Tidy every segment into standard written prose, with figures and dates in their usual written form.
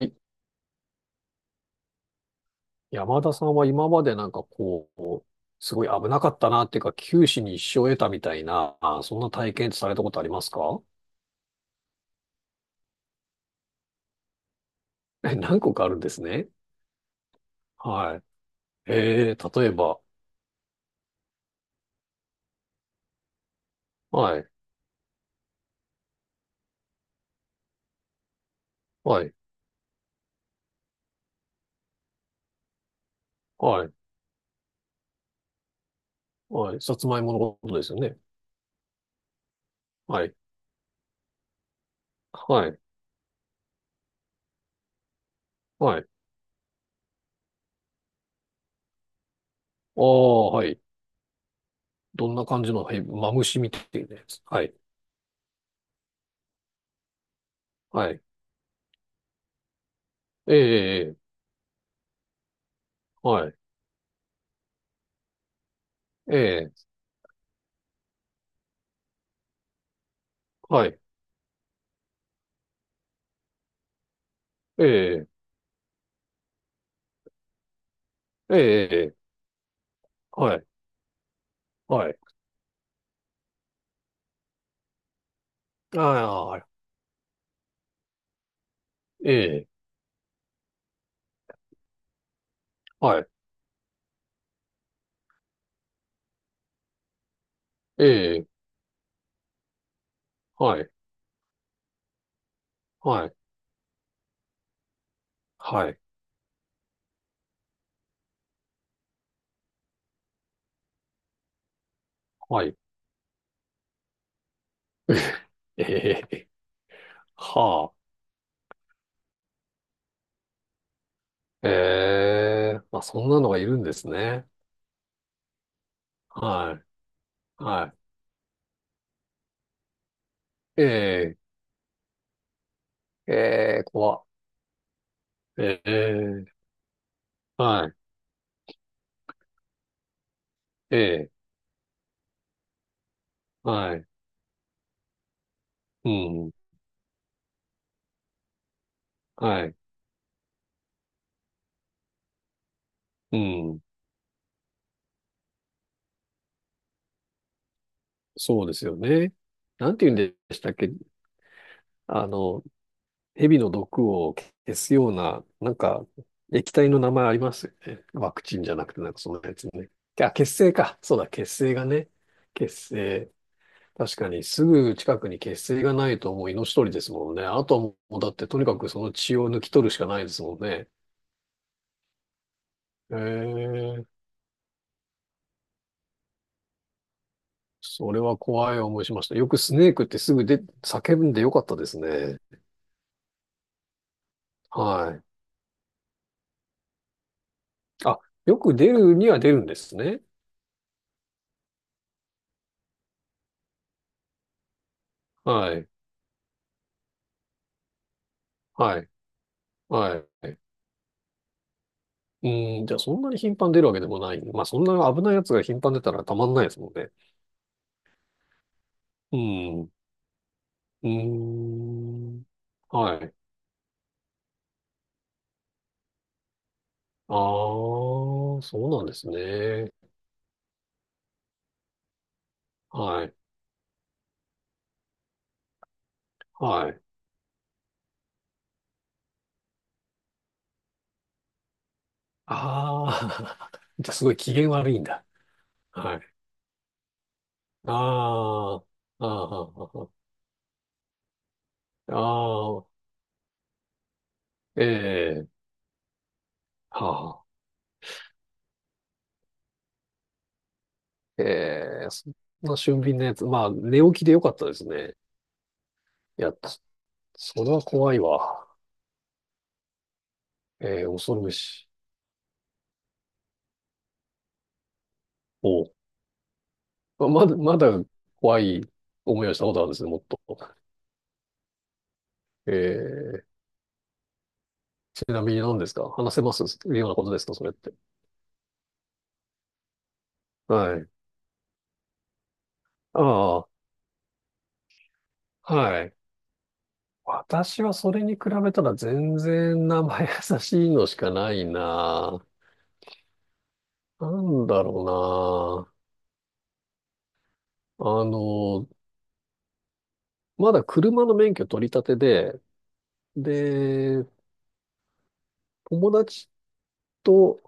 い山田さんは今までなんかこう、すごい危なかったなっていうか、九死に一生を得たみたいな、そんな体験ってされたことありますか？え、何個かあるんですね。はい。例えば？はい。はい。はい。はい、さつまいものことですよね。はい。はい。はい。ああ、はい。どんな感じの、はい、マムシみたいなやつ。はい。はい。ええ。はい。ええ。はい。ええ。ええ。はい。はい。ああ。ええ。はい。ええ、はい。はい。はい。はい。ええ。はあ。ええ、まあ、そんなのがいるんですね。はい。はい。ええ、ええ、怖っ。ええ。はい。ええ。はい。うん。はい。うん。そうですよね。なんて言うんでしたっけ？あの、蛇の毒を消すような、なんか、液体の名前ありますよね。ワクチンじゃなくて、なんかそのやつね。あ、血清か。そうだ、血清がね。血清。確かに、すぐ近くに血清がないともう命取りですもんね。あとはもう、だってとにかくその血を抜き取るしかないですもんね。ええ。それは怖い思いしました。よくスネークってすぐで、叫んでよかったですね。はい。あ、よく出るには出るんですね。はい。はい。はい。うん、じゃあそんなに頻繁に出るわけでもない。まあそんな危ないやつが頻繁に出たらたまんないですもんね。うん。うん。はい。ああ、そうなんですね。はい。はい。ああ、じゃあすごい機嫌悪いんだ。はい。ああ。ああ。ああ。ええ。はあ。ええ、そんな俊敏なやつ。まあ、寝起きでよかったですね。いや、それは怖いわ。ええ、恐るべし。おう、まだ、まだ怖い思いをしたことあるんですね、もっと。ええ、ちなみに何ですか？話せますようなことですかそれって。はい。ああ、はい。私はそれに比べたら全然名前優しいのしかないな。なんだろうな。あの、まだ車の免許取り立てで、で、友達と、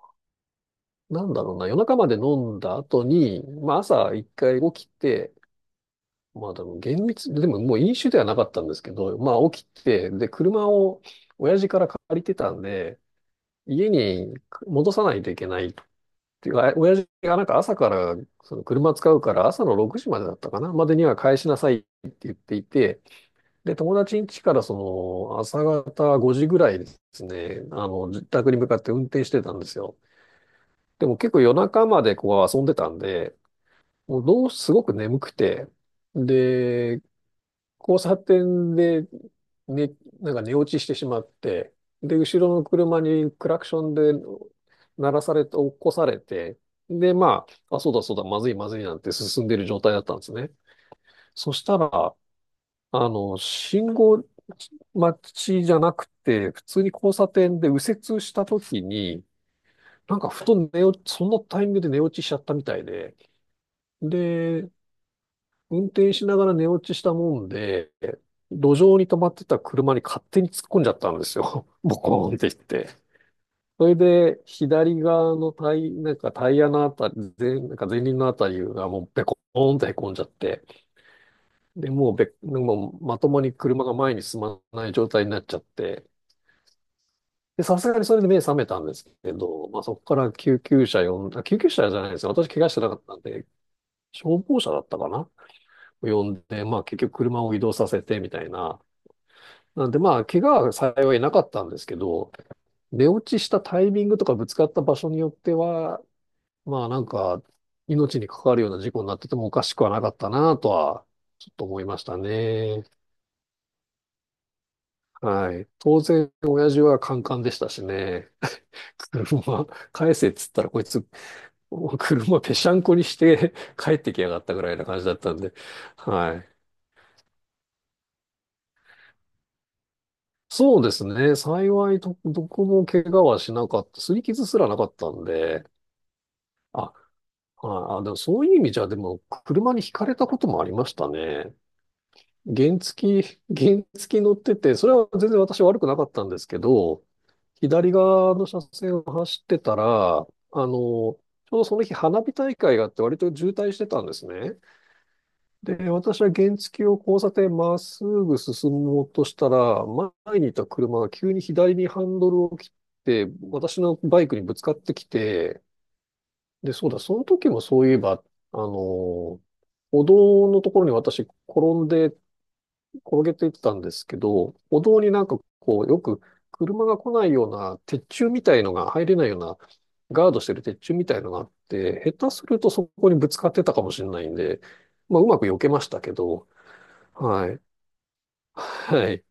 なんだろうな、夜中まで飲んだ後に、まあ朝一回起きて、まあでも厳密、でももう飲酒ではなかったんですけど、まあ起きて、で、車を親父から借りてたんで、家に戻さないといけないっていうか、親父がなんか朝から、その車使うから朝の6時までだったかな、までには返しなさいって言っていて、で、友達ん家からその朝方5時ぐらいですね、あの、自宅に向かって運転してたんですよ。でも結構夜中までこう遊んでたんで、もうどう、すごく眠くて、で、交差点で、ね、なんか寝落ちしてしまって、で、後ろの車にクラクションで鳴らされて、起こされて、で、まあ、あ、そうだそうだ、まずいまずいなんて進んでる状態だったんですね。そしたら、あの、信号待ちじゃなくて、普通に交差点で右折した時に、なんかふと寝落ち、そのタイミングで寝落ちしちゃったみたいで、で、運転しながら寝落ちしたもんで、路上に止まってた車に勝手に突っ込んじゃったんですよ。ボコーンって言って。それで、左側のタイ、なんかタイヤのあたり、なんか前輪のあたりがもうベコーンって凹んじゃって、で、もうまともに車が前に進まない状態になっちゃって、で、さすがにそれで目覚めたんですけど、まあ、そこから救急車じゃないですよ。私怪我してなかったんで、消防車だったかな呼んで、まあ結局車を移動させてみたいな、なんでまあ、怪我は幸いなかったんですけど、寝落ちしたタイミングとかぶつかった場所によっては、まあなんか、命に関わるような事故になっててもおかしくはなかったなとは、ちょっと思いましたね。はい。当然、親父はカンカンでしたしね。車、返せっつったらこいつ、車ぺしゃんこにして帰ってきやがったぐらいな感じだったんで。はい。そうですね。幸いど、どこも怪我はしなかった。擦り傷すらなかったんで。あ、ああ、でもそういう意味じゃ、でも、車にひかれたこともありましたね。原付き、原付き乗ってて、それは全然私悪くなかったんですけど、左側の車線を走ってたら、あの、ちょうどその日花火大会があって割と渋滞してたんですね。で、私は原付を交差点まっすぐ進もうとしたら、前にいた車が急に左にハンドルを切って、私のバイクにぶつかってきて、で、そうだ、その時もそういえば、あの歩道のところに私転んで、転げていってたんですけど、歩道になんかこう、よく車が来ないような鉄柱みたいのが入れないような、ガードしてる鉄柱みたいのがあって、下手するとそこにぶつかってたかもしれないんで、まあ、うまく避けましたけど、はい。はい。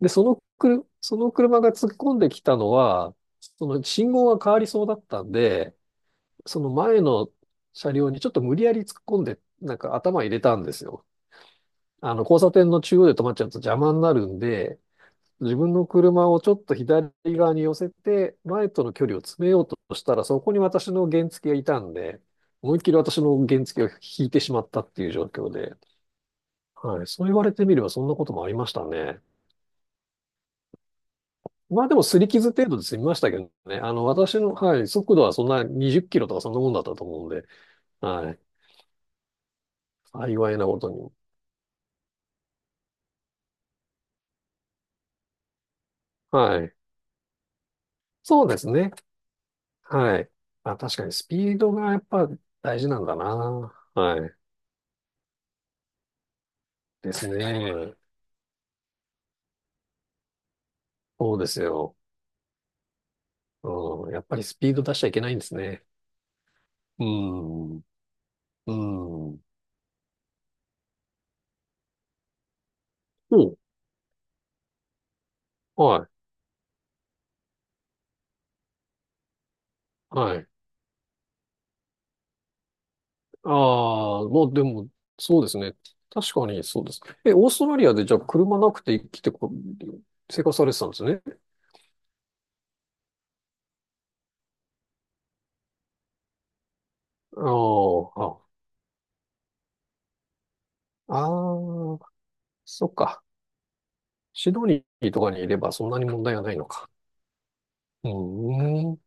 で、そのくる、その車が突っ込んできたのは、その信号が変わりそうだったんで、その前の車両にちょっと無理やり突っ込んで、なんか頭入れたんですよ。あの、交差点の中央で止まっちゃうと邪魔になるんで、自分の車をちょっと左側に寄せて、前との距離を詰めようとしたら、そこに私の原付がいたんで、思いっきり私の原付を引いてしまったっていう状況で、はい、そう言われてみればそんなこともありましたね。まあでも擦り傷程度で済みましたけどね。あの、私の、はい、速度はそんな20キロとかそんなもんだったと思うんで、はい、幸いなことに。はい。そうですね。はい。あ、確かにスピードがやっぱ大事なんだな。はい。ですね。そうですよ。うん。やっぱりスピード出しちゃいけないんですね。うん。うん。お、はい。はい。ああ、まあでも、そうですね。確かにそうですね。え、オーストラリアでじゃあ車なくて生きてこ、生活されてたんですね。ああ。ああ、そっか。シドニーとかにいればそんなに問題はないのか。うーん。